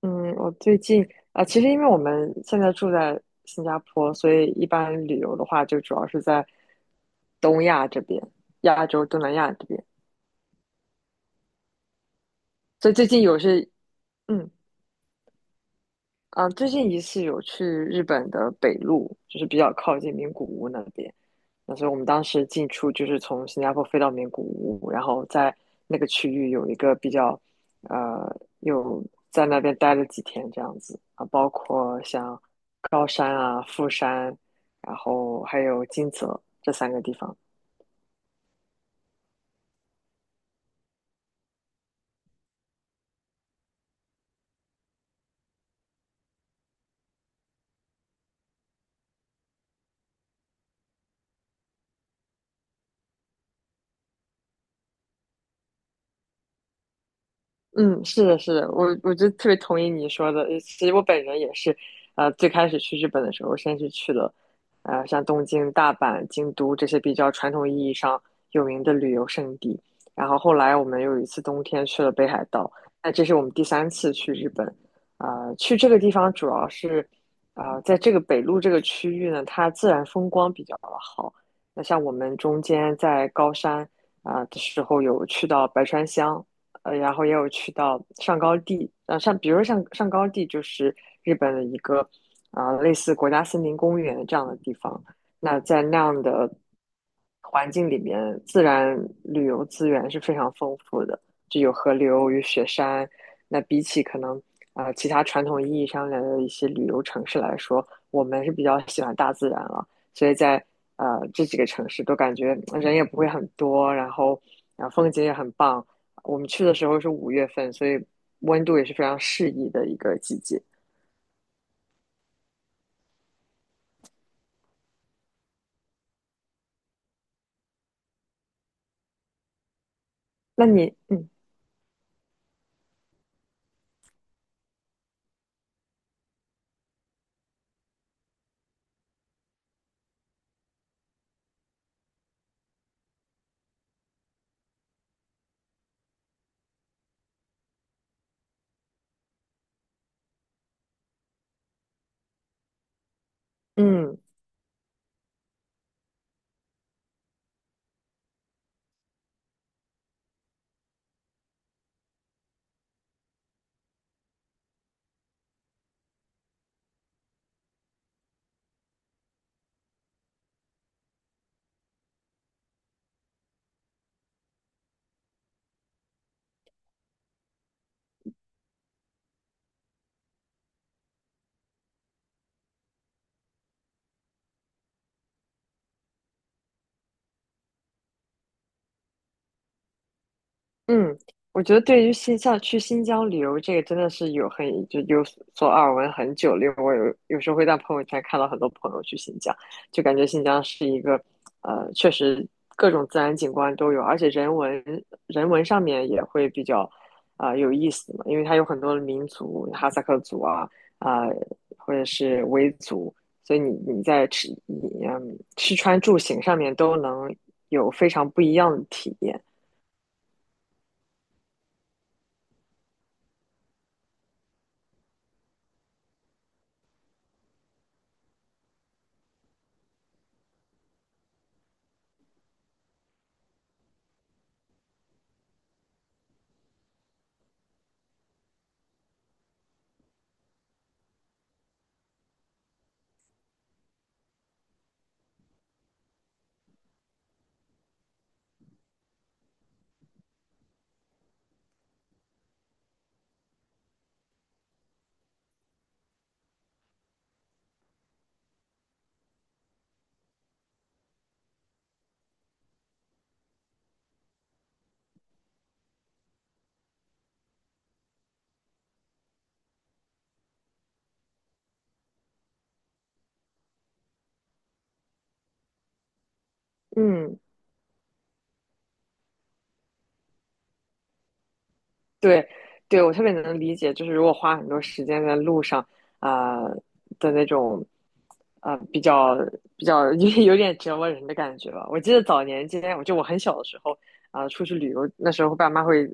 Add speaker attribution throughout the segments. Speaker 1: 嗯，我最近其实因为我们现在住在新加坡，所以一般旅游的话，就主要是在东亚这边，亚洲、东南亚这边。所以最近有是，嗯，最近一次有去日本的北陆，就是比较靠近名古屋那边。那所以我们当时进出就是从新加坡飞到名古屋，然后在那个区域有一个比较，呃，有在那边待了几天这样子啊，包括像高山啊、富山，然后还有金泽这三个地方。嗯，是的，是的，我就特别同意你说的。其实我本人也是，最开始去日本的时候，先是去了，像东京、大阪、京都这些比较传统意义上有名的旅游胜地。然后后来我们有一次冬天去了北海道，那这是我们第三次去日本。去这个地方主要是，在这个北陆这个区域呢，它自然风光比较好。那像我们中间在高山啊、的时候，有去到白川乡，然后也有去到上高地，像比如说像上高地就是日本的一个，啊，类似国家森林公园这样的地方。那在那样的环境里面，自然旅游资源是非常丰富的，就有河流与雪山。那比起可能啊，其他传统意义上的一些旅游城市来说，我们是比较喜欢大自然了，所以在这几个城市都感觉人也不会很多，然后风景也很棒。我们去的时候是5月份，所以温度也是非常适宜的一个季节。那你，嗯，嗯，我觉得对于去新疆旅游这个真的是有有所耳闻很久了，因为我有时候会在朋友圈看到很多朋友去新疆，就感觉新疆是一个确实各种自然景观都有，而且人文上面也会比较有意思嘛，因为它有很多的民族，哈萨克族啊、或者是维族，所以你在吃你嗯吃穿住行上面都能有非常不一样的体验。嗯，对，对，我特别能理解，就是如果花很多时间在路上，啊、的那种，啊、比较比较 有点折磨人的感觉吧。我记得早年间，我很小的时候，出去旅游，那时候爸妈会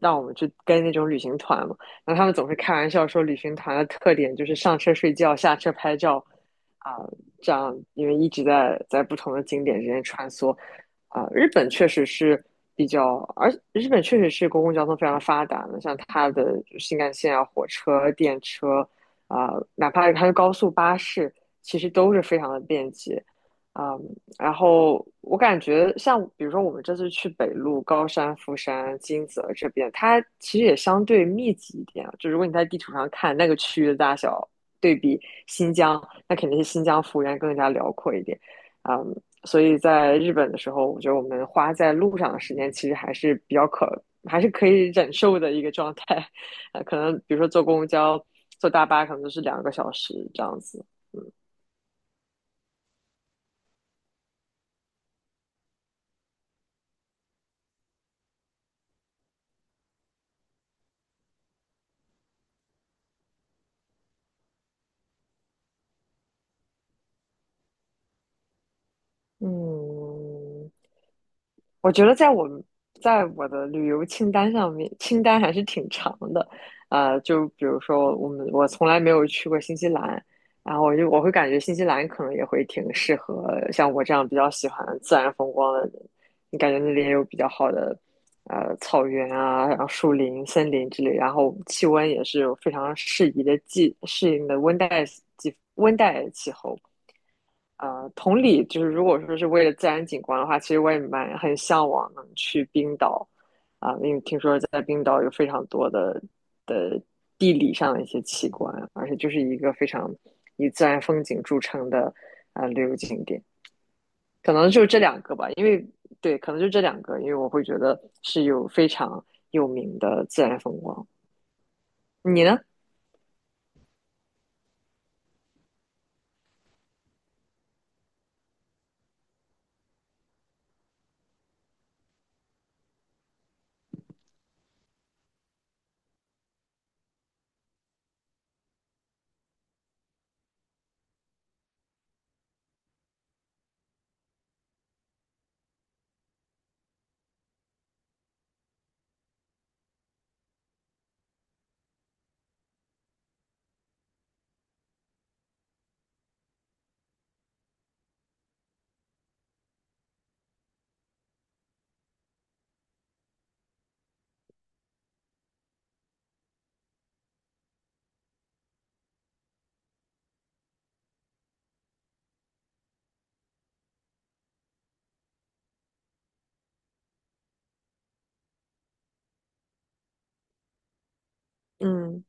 Speaker 1: 让我们去跟那种旅行团嘛，然后他们总是开玩笑说，旅行团的特点就是上车睡觉，下车拍照，啊、这样因为一直在不同的景点之间穿梭。日本确实是比较，而日本确实是公共交通非常发达的，像它的新干线啊、火车、电车哪怕是它的高速巴士，其实都是非常的便捷。啊、然后我感觉像比如说我们这次去北路、高山、富山、金泽这边，它其实也相对密集一点啊，就如果你在地图上看那个区域的大小，对比新疆，那肯定是新疆幅员更加辽阔一点。啊、所以在日本的时候，我觉得我们花在路上的时间其实还是可以忍受的一个状态。呃，可能比如说坐公交、坐大巴，可能都是2个小时这样子。嗯，我觉得在我的旅游清单上面，清单还是挺长的。就比如说我从来没有去过新西兰，然后我会感觉新西兰可能也会挺适合像我这样比较喜欢自然风光的人。你感觉那里也有比较好的草原啊，然后树林、森林之类，然后气温也是有非常适宜的季适应的温带季温带气候。同理，就是如果说是为了自然景观的话，其实我也很向往能去冰岛啊，因为听说在冰岛有非常多的的地理上的一些奇观，而且就是一个非常以自然风景著称的啊旅游景点，可能就这两个吧，因为对，可能就这两个，因为我会觉得是有非常有名的自然风光。你呢？嗯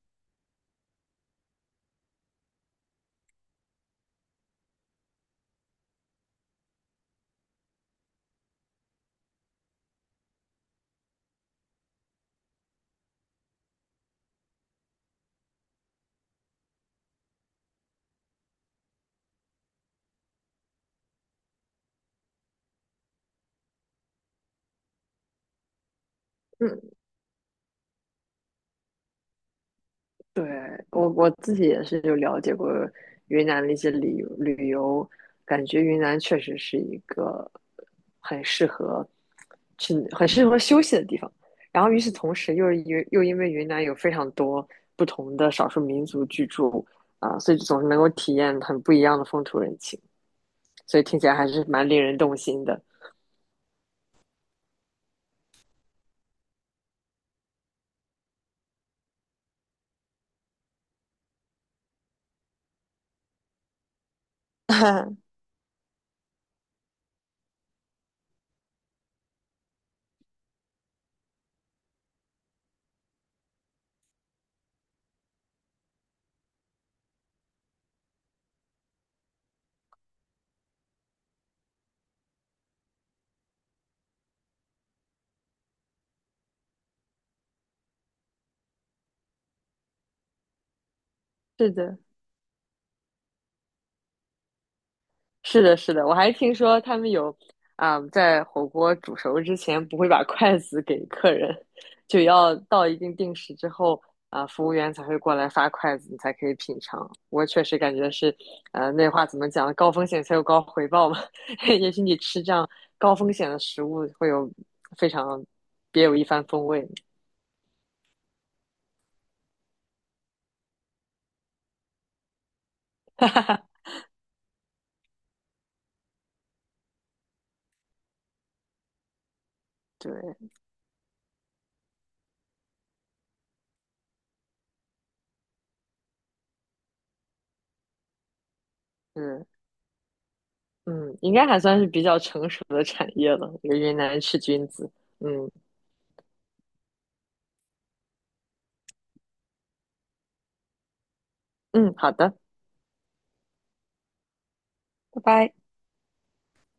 Speaker 1: 嗯。对，我自己也是就了解过云南的一些旅游，感觉云南确实是一个很适合去、很适合休息的地方。然后与此同时又因为云南有非常多不同的少数民族居住所以总是能够体验很不一样的风土人情，所以听起来还是蛮令人动心的。是的，是的，是的，我还听说他们有在火锅煮熟之前不会把筷子给客人，就要到一定时之后服务员才会过来发筷子，你才可以品尝。我确实感觉是，那话怎么讲？高风险才有高回报嘛。也许你吃这样高风险的食物，会有非常别有一番风味。对，嗯嗯，应该还算是比较成熟的产业了。这个云南吃菌子，嗯嗯，好的，拜拜。